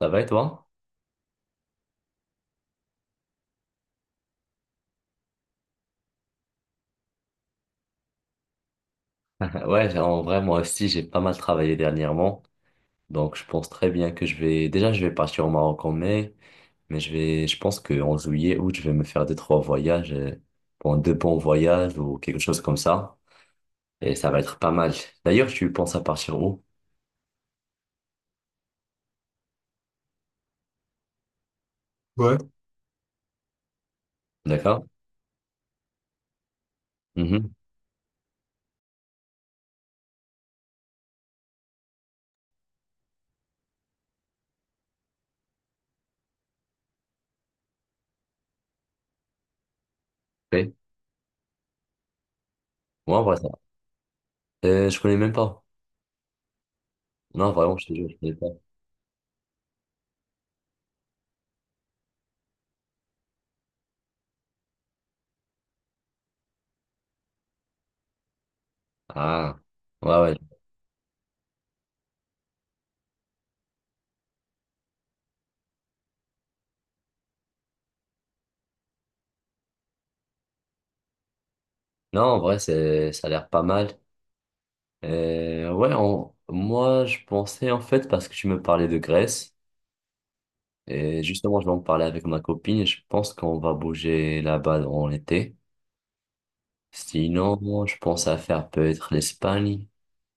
Ça va et toi? Ouais, en vrai, moi aussi, j'ai pas mal travaillé dernièrement. Donc, je pense très bien que je vais, déjà, je vais partir au Maroc en mai, mais je vais, je pense qu'en juillet, août, je vais me faire deux, trois voyages, bon, deux bons voyages ou quelque chose comme ça. Et ça va être pas mal. D'ailleurs, tu penses à partir où? Ouais. D'accord? Mhm. Oui. Moi, en vrai, ça. Je connais même pas. Non, vraiment, je te jure, je connais pas. Ah. Ouais, ouais. Non, en vrai, c'est, ça a l'air pas mal. Ouais, moi je pensais en fait parce que tu me parlais de Grèce et justement je vais en parler avec ma copine et je pense qu'on va bouger là-bas en été. Sinon, moi, je pense à faire peut-être l'Espagne,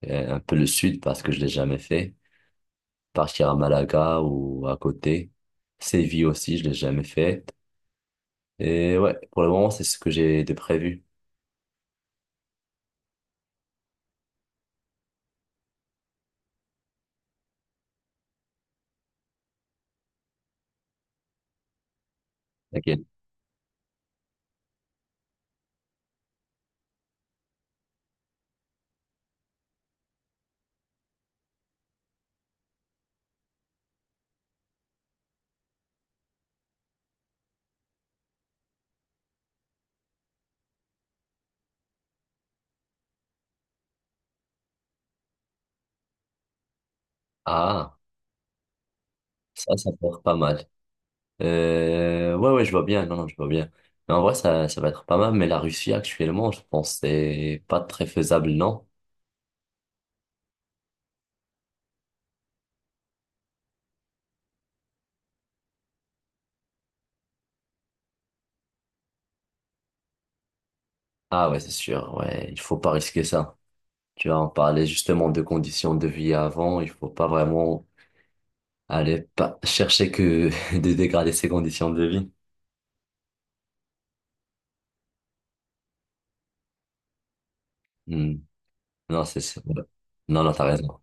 un peu le sud parce que je l'ai jamais fait. Partir à Malaga ou à côté. Séville aussi, je l'ai jamais fait. Et ouais, pour le moment c'est ce que j'ai de prévu. T'inquiète. Ah, ça peut être pas mal. Ouais, ouais, je vois bien. Non, non, je vois bien. Mais en vrai, ça va être pas mal. Mais la Russie, actuellement, je pense que c'est pas très faisable, non? Ah ouais, c'est sûr. Ouais, il faut pas risquer ça. Tu vois, on parlait justement de conditions de vie avant. Il faut pas vraiment aller pas chercher que de dégrader ses conditions de vie. Hmm. Non, ouais. Non, non, t'as raison.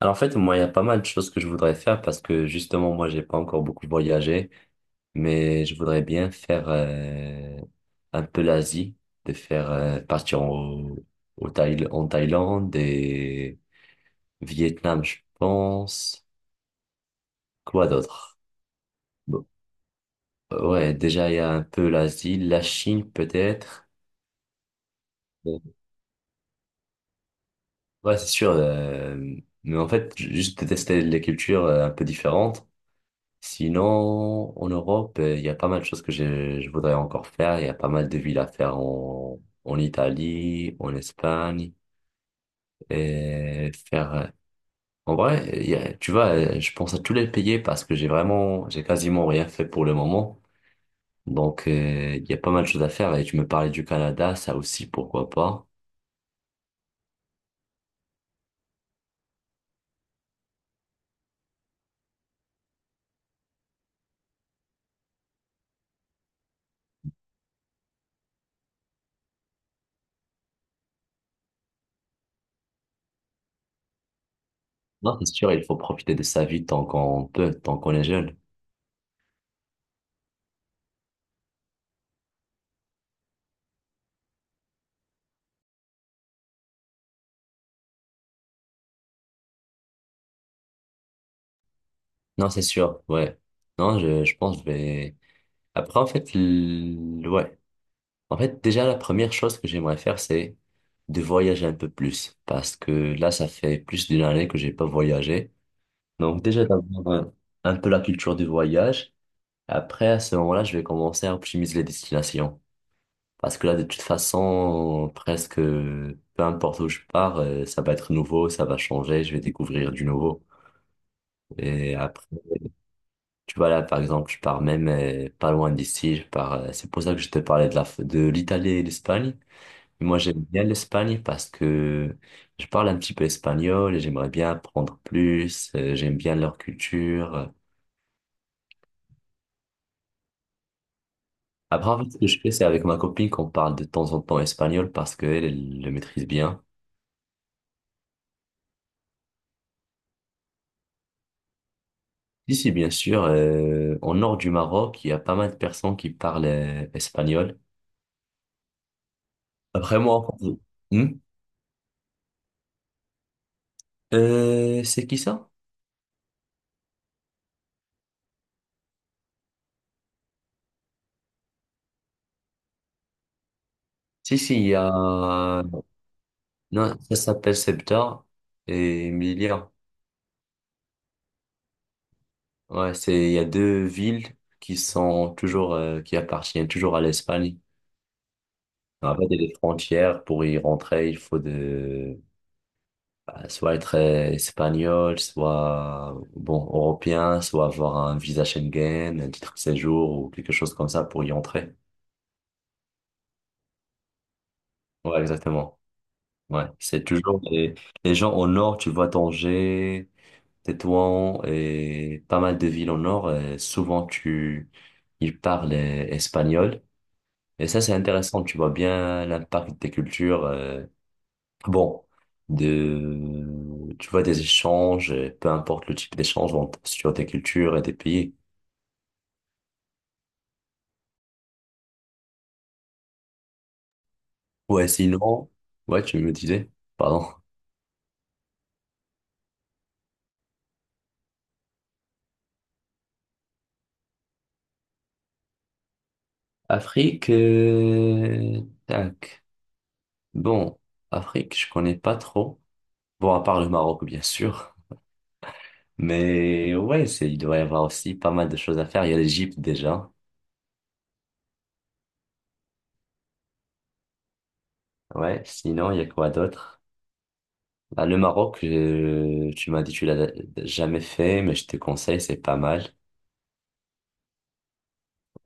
Alors en fait, moi, il y a pas mal de choses que je voudrais faire parce que justement, moi, j'ai pas encore beaucoup voyagé. Mais je voudrais bien faire un peu l'Asie, de faire partir en, au en Thaïlande et Vietnam, je pense. Quoi d'autre? Bon, ouais, déjà il y a un peu l'Asie, la Chine peut-être. Bon, ouais, c'est sûr. Mais en fait, juste de tester les cultures un peu différentes. Sinon, en Europe, il y a pas mal de choses que je voudrais encore faire. Il y a pas mal de villes à faire en, en Italie, en Espagne. Et faire. En vrai, tu vois, je pense à tous les payer parce que j'ai vraiment, j'ai quasiment rien fait pour le moment. Donc, il y a pas mal de choses à faire. Et tu me parlais du Canada, ça aussi, pourquoi pas. Non, c'est sûr, il faut profiter de sa vie tant qu'on peut, tant qu'on est jeune. Non, c'est sûr, ouais. Non, je pense que je vais. Après, en fait, ouais. En fait, déjà, la première chose que j'aimerais faire, c'est de voyager un peu plus. Parce que là, ça fait plus d'une année que j'ai pas voyagé. Donc déjà d'avoir un peu la culture du voyage. Après, à ce moment-là, je vais commencer à optimiser les destinations. Parce que là, de toute façon, presque, peu importe où je pars, ça va être nouveau, ça va changer, je vais découvrir du nouveau. Et après, tu vois, là, par exemple, je pars même pas loin d'ici, je pars, c'est pour ça que je te parlais de la, de l'Italie et l'Espagne. Moi, j'aime bien l'Espagne parce que je parle un petit peu espagnol et j'aimerais bien apprendre plus, j'aime bien leur culture. Après, en fait, ce que je fais, c'est avec ma copine qu'on parle de temps en temps espagnol parce qu'elle, elle le maîtrise bien. Ici, bien sûr, au nord du Maroc, il y a pas mal de personnes qui parlent espagnol. Après, moi, en fait, hmm. C'est qui ça? Si, si, il y a... Non, ça s'appelle Ceuta et Melilla. Ouais, c'est, il y a deux villes qui sont toujours, qui appartiennent toujours à l'Espagne. En fait, il y a des frontières. Pour y rentrer, il faut de, bah, soit être espagnol, soit bon européen, soit avoir un visa Schengen, un titre de séjour ou quelque chose comme ça pour y entrer. Ouais, exactement. Ouais, c'est toujours les gens au nord, tu vois Tanger, Tétouan et pas mal de villes au nord, souvent tu ils parlent espagnol et ça c'est intéressant, tu vois bien l'impact des cultures bon, de, tu vois, des échanges, peu importe le type d'échange, sur des cultures et des pays. Ouais, sinon, ouais, tu me disais, pardon. Afrique, tac. Bon, Afrique, je connais pas trop. Bon, à part le Maroc, bien sûr. Mais ouais, c'est, il doit y avoir aussi pas mal de choses à faire. Il y a l'Égypte déjà. Ouais, sinon, il y a quoi d'autre? Bah, le Maroc, tu m'as dit, tu l'as jamais fait, mais je te conseille, c'est pas mal.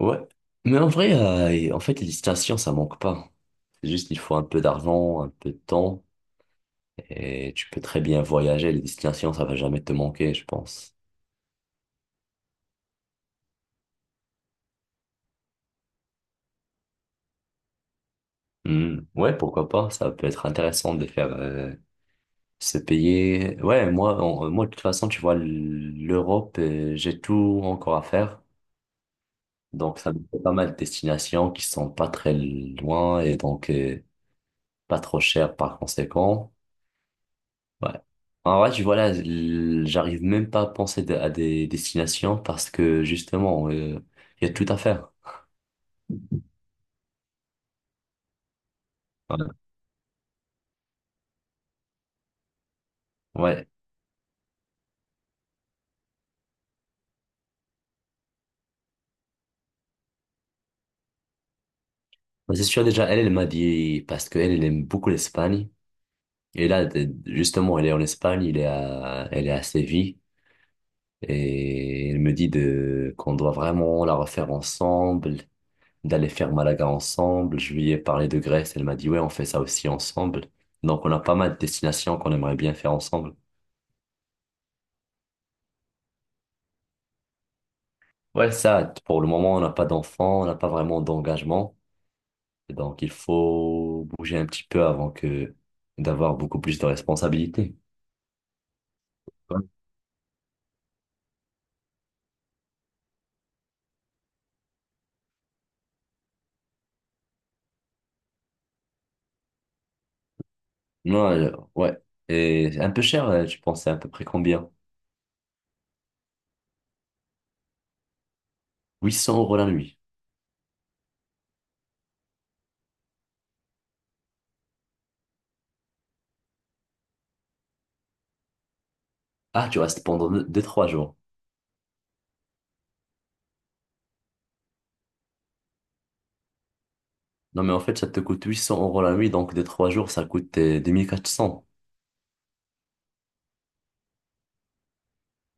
Ouais. Mais en vrai, en fait, les destinations, ça manque pas. C'est juste qu'il faut un peu d'argent, un peu de temps, et tu peux très bien voyager. Les destinations, ça va jamais te manquer, je pense. Hmm. Ouais, pourquoi pas? Ça peut être intéressant de faire se payer. Ouais, moi, moi, de toute façon, tu vois, l'Europe, j'ai tout encore à faire. Donc, ça me fait pas mal de destinations qui sont pas très loin et donc pas trop chères par conséquent. Ouais. En vrai, tu vois, là, j'arrive même pas à penser à des destinations parce que justement, il y a tout à faire. Ouais. Ouais. Mais c'est sûr, déjà, elle, elle m'a dit, parce qu'elle, elle aime beaucoup l'Espagne. Et là, justement, elle est en Espagne, elle est à Séville. Et elle me dit qu'on doit vraiment la refaire ensemble, d'aller faire Malaga ensemble. Je lui ai parlé de Grèce, elle m'a dit, ouais, on fait ça aussi ensemble. Donc, on a pas mal de destinations qu'on aimerait bien faire ensemble. Ouais, ça, pour le moment, on n'a pas d'enfant, on n'a pas vraiment d'engagement. Et donc, il faut bouger un petit peu avant que d'avoir beaucoup plus de responsabilités. Ouais. Non, ouais. Et c'est un peu cher, tu pensais à peu près combien? Huit cents euros la nuit. Ah, tu restes pendant 2 trois jours. Non, mais en fait, ça te coûte 800 euros la nuit, donc 2 trois jours, ça coûte 2 400.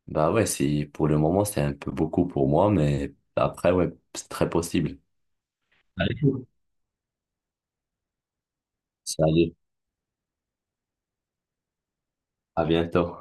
Bah ouais, c'est, pour le moment, c'est un peu beaucoup pour moi, mais après, ouais, c'est très possible. Allez. Allez, à bientôt.